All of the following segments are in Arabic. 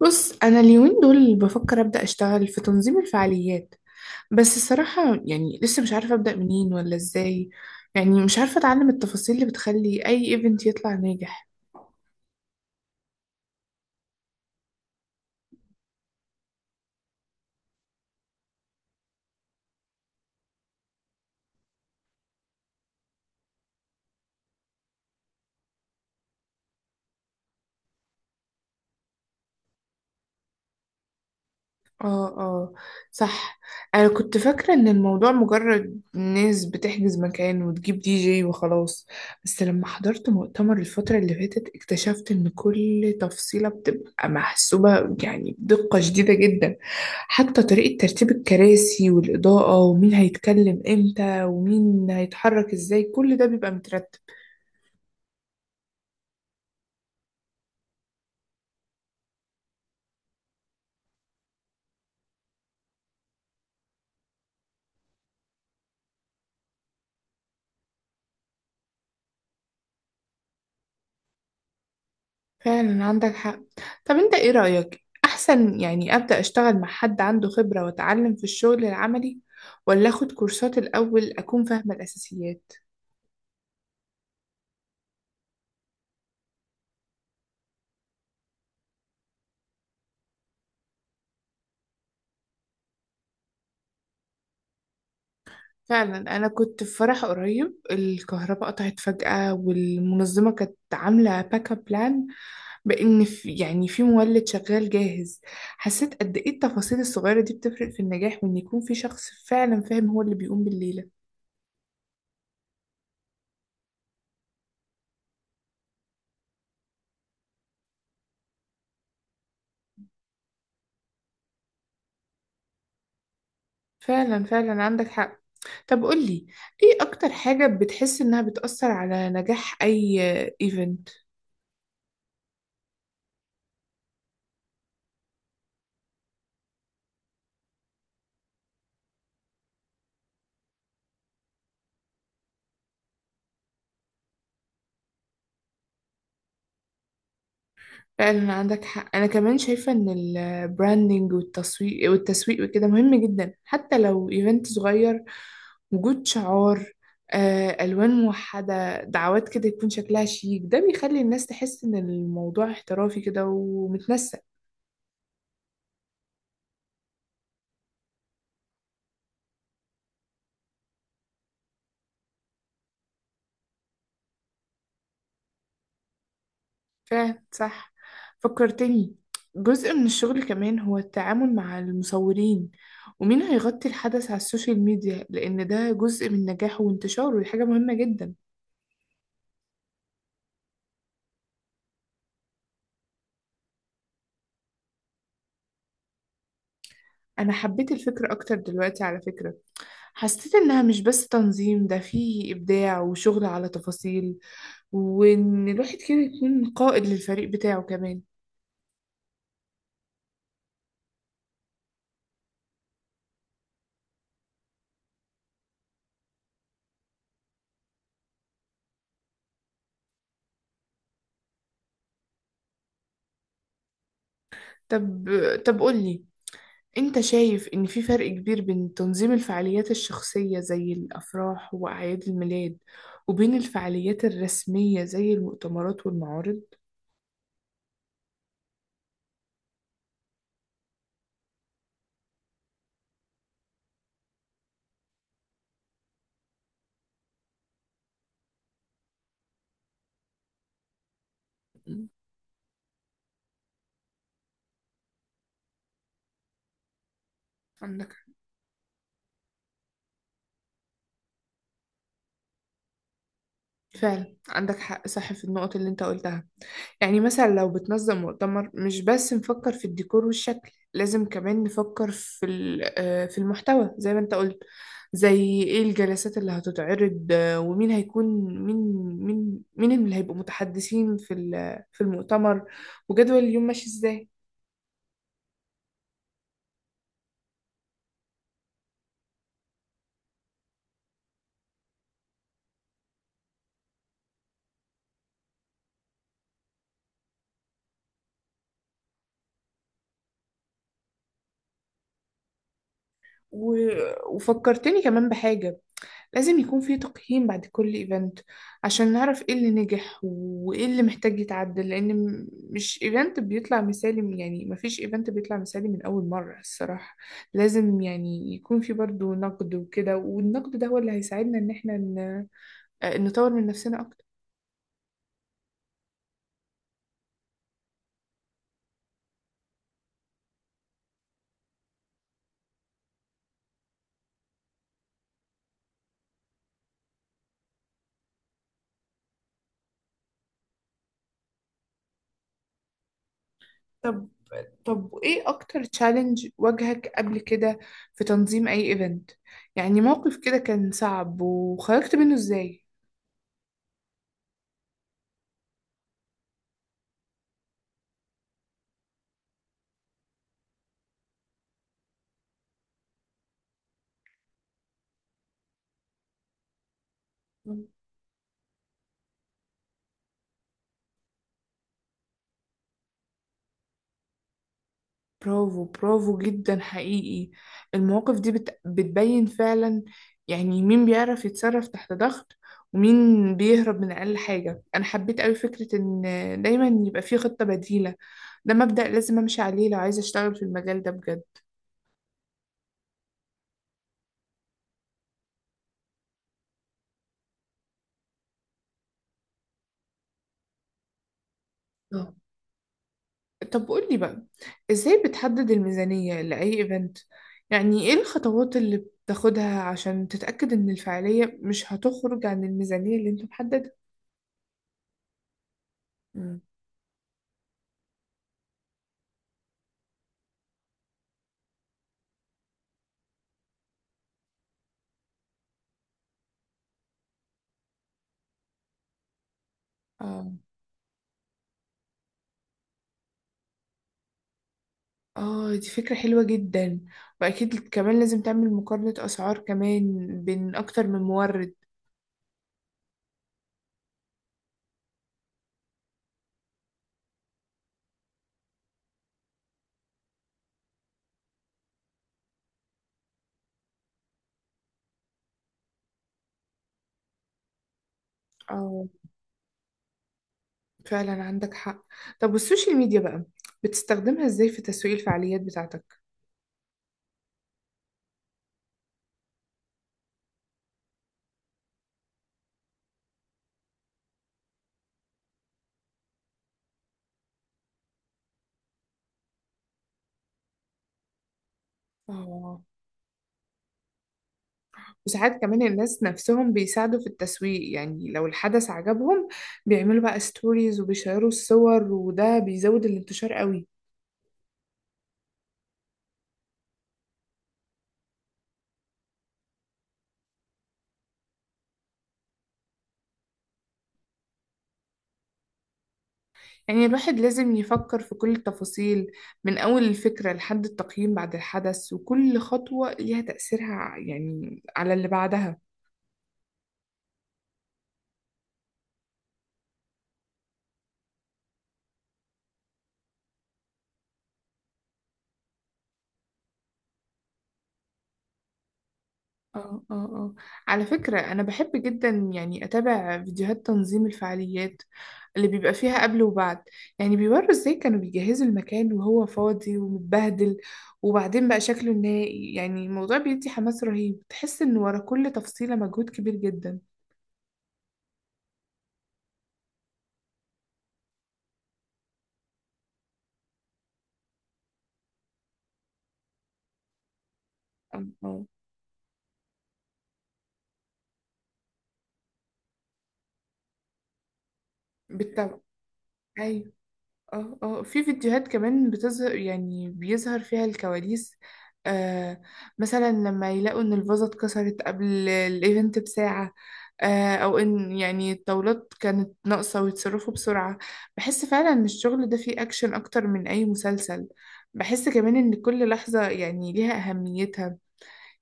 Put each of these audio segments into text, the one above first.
بص، أنا اليومين دول بفكر أبدأ أشتغل في تنظيم الفعاليات. بس الصراحة يعني لسه مش عارفة أبدأ منين ولا إزاي. يعني مش عارفة أتعلم التفاصيل اللي بتخلي أي إيفنت يطلع ناجح. اه، اه، صح. انا كنت فاكرة ان الموضوع مجرد ناس بتحجز مكان وتجيب دي جي وخلاص. بس لما حضرت مؤتمر الفترة اللي فاتت اكتشفت ان كل تفصيلة بتبقى محسوبة، يعني بدقة شديدة جدا. حتى طريقة ترتيب الكراسي والإضاءة ومين هيتكلم امتى ومين هيتحرك ازاي كل ده بيبقى مترتب. فعلا عندك حق. طب انت ايه رأيك، احسن يعني ابدأ اشتغل مع حد عنده خبرة واتعلم في الشغل العملي، ولا اخد كورسات الاول اكون فاهمة الاساسيات؟ فعلا، انا كنت في فرح قريب الكهرباء قطعت فجأة، والمنظمة كانت عاملة باك اب بلان. بان في، يعني في مولد شغال جاهز. حسيت قد ايه التفاصيل الصغيرة دي بتفرق في النجاح، وان يكون في شخص فعلا فاهم هو اللي بيقوم بالليلة. فعلا فعلا عندك حق. طب قولي، ايه اكتر حاجة بتحس انها بتأثر على نجاح اي ايفنت؟ فعلا عندك حق. انا كمان شايفة ان البراندنج والتسويق وكده مهم جدا حتى لو ايفنت صغير. وجود شعار، الوان موحدة، دعوات، كده يكون شكلها شيك، ده بيخلي الناس تحس ان الموضوع احترافي كده ومتنسق. فاهم، صح. فكرتني، جزء من الشغل كمان هو التعامل مع المصورين ومين هيغطي الحدث على السوشيال ميديا، لأن ده جزء من نجاحه وانتشاره، ودي حاجة مهمة جدا. أنا حبيت الفكرة أكتر دلوقتي على فكرة. حسيت إنها مش بس تنظيم، ده فيه إبداع وشغل على تفاصيل، وإن الواحد كده يكون قائد للفريق بتاعه كمان. طب طب قولي، أنت شايف إن في فرق كبير بين تنظيم الفعاليات الشخصية زي الأفراح وأعياد الميلاد وبين الفعاليات الرسمية زي المؤتمرات والمعارض؟ مم. عندك فعلا عندك حق، صح في النقط اللي أنت قلتها. يعني مثلا لو بتنظم مؤتمر مش بس نفكر في الديكور والشكل، لازم كمان نفكر في ال- آه، في المحتوى زي ما انت قلت. زي ايه الجلسات اللي هتتعرض، ومين هيكون مين مين مين اللي هيبقوا متحدثين في المؤتمر، وجدول اليوم ماشي ازاي. وفكرتني كمان بحاجة، لازم يكون في تقييم بعد كل ايفنت عشان نعرف ايه اللي نجح وايه اللي محتاج يتعدل، لان مش ايفنت بيطلع مثالي، يعني مفيش ايفنت بيطلع مثالي من اول مرة الصراحة. لازم يعني يكون في برضو نقد وكده، والنقد ده هو اللي هيساعدنا ان احنا نطور من نفسنا اكتر. طب طب ايه اكتر تشالنج واجهك قبل كده في تنظيم اي ايفنت، يعني موقف كده كان صعب وخرجت منه ازاي؟ برافو، برافو جدا حقيقي. المواقف دي بتبين فعلا، يعني مين بيعرف يتصرف تحت ضغط ومين بيهرب من أقل حاجة. أنا حبيت أوي فكرة إن دايما يبقى في خطة بديلة، ده مبدأ لازم أمشي عليه لو عايزة أشتغل في المجال ده بجد. اه، طب قولي بقى، إزاي بتحدد الميزانية لأي إيفنت، يعني إيه الخطوات اللي بتاخدها عشان تتأكد إن الفعالية مش هتخرج عن الميزانية اللي أنت محددها؟ مم. آه. اه، دي فكرة حلوة جدا، وأكيد كمان لازم تعمل مقارنة أسعار كمان بين أكتر من مورد. اه، فعلا عندك حق. طب والسوشيال ميديا بقى، بتستخدمها ازاي في تسويق الفعاليات بتاعتك؟ اه، وساعات كمان الناس نفسهم بيساعدوا في التسويق، يعني لو الحدث عجبهم بيعملوا بقى ستوريز وبيشيروا الصور، وده بيزود الانتشار قوي. يعني الواحد لازم يفكر في كل التفاصيل، من أول الفكرة لحد التقييم بعد الحدث، وكل خطوة ليها تأثيرها يعني على اللي بعدها. اه، اه، اه، على فكرة أنا بحب جدا يعني أتابع فيديوهات تنظيم الفعاليات اللي بيبقى فيها قبل وبعد، يعني بيوروا ازاي كانوا بيجهزوا المكان وهو فاضي ومتبهدل، وبعدين بقى شكله النهائي. يعني الموضوع بيدي حماس رهيب، تحس إن ورا كل تفصيلة مجهود كبير جدا. اه، اه، بالطبع، أيوة، اه، اه، في فيديوهات كمان يعني بيظهر فيها الكواليس. آه مثلا لما يلاقوا ان الفازة اتكسرت قبل الايفنت بساعة، او ان يعني الطاولات كانت ناقصة ويتصرفوا بسرعة. بحس فعلا ان الشغل ده فيه اكشن اكتر من اي مسلسل. بحس كمان ان كل لحظة يعني ليها اهميتها،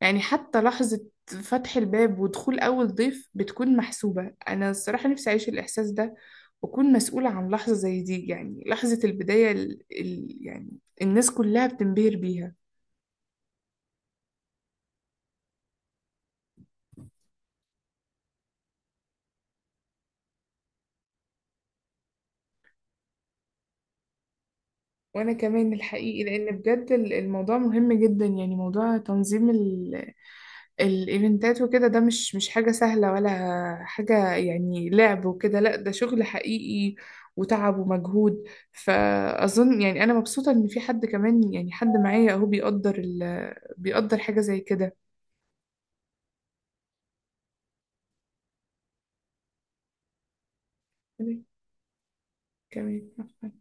يعني حتى لحظة فتح الباب ودخول اول ضيف بتكون محسوبة. انا الصراحة نفسي اعيش الاحساس ده، وأكون مسؤولة عن لحظة زي دي، يعني لحظة البداية يعني الناس كلها بتنبهر بيها. وأنا كمان الحقيقي، لأن بجد الموضوع مهم جدا، يعني موضوع تنظيم الإيفنتات وكده، ده مش حاجة سهلة ولا حاجة يعني لعب وكده. لأ، ده شغل حقيقي وتعب ومجهود. فأظن يعني أنا مبسوطة إن في حد كمان، يعني حد معايا أهو بيقدر حاجة زي كده. أنا كمان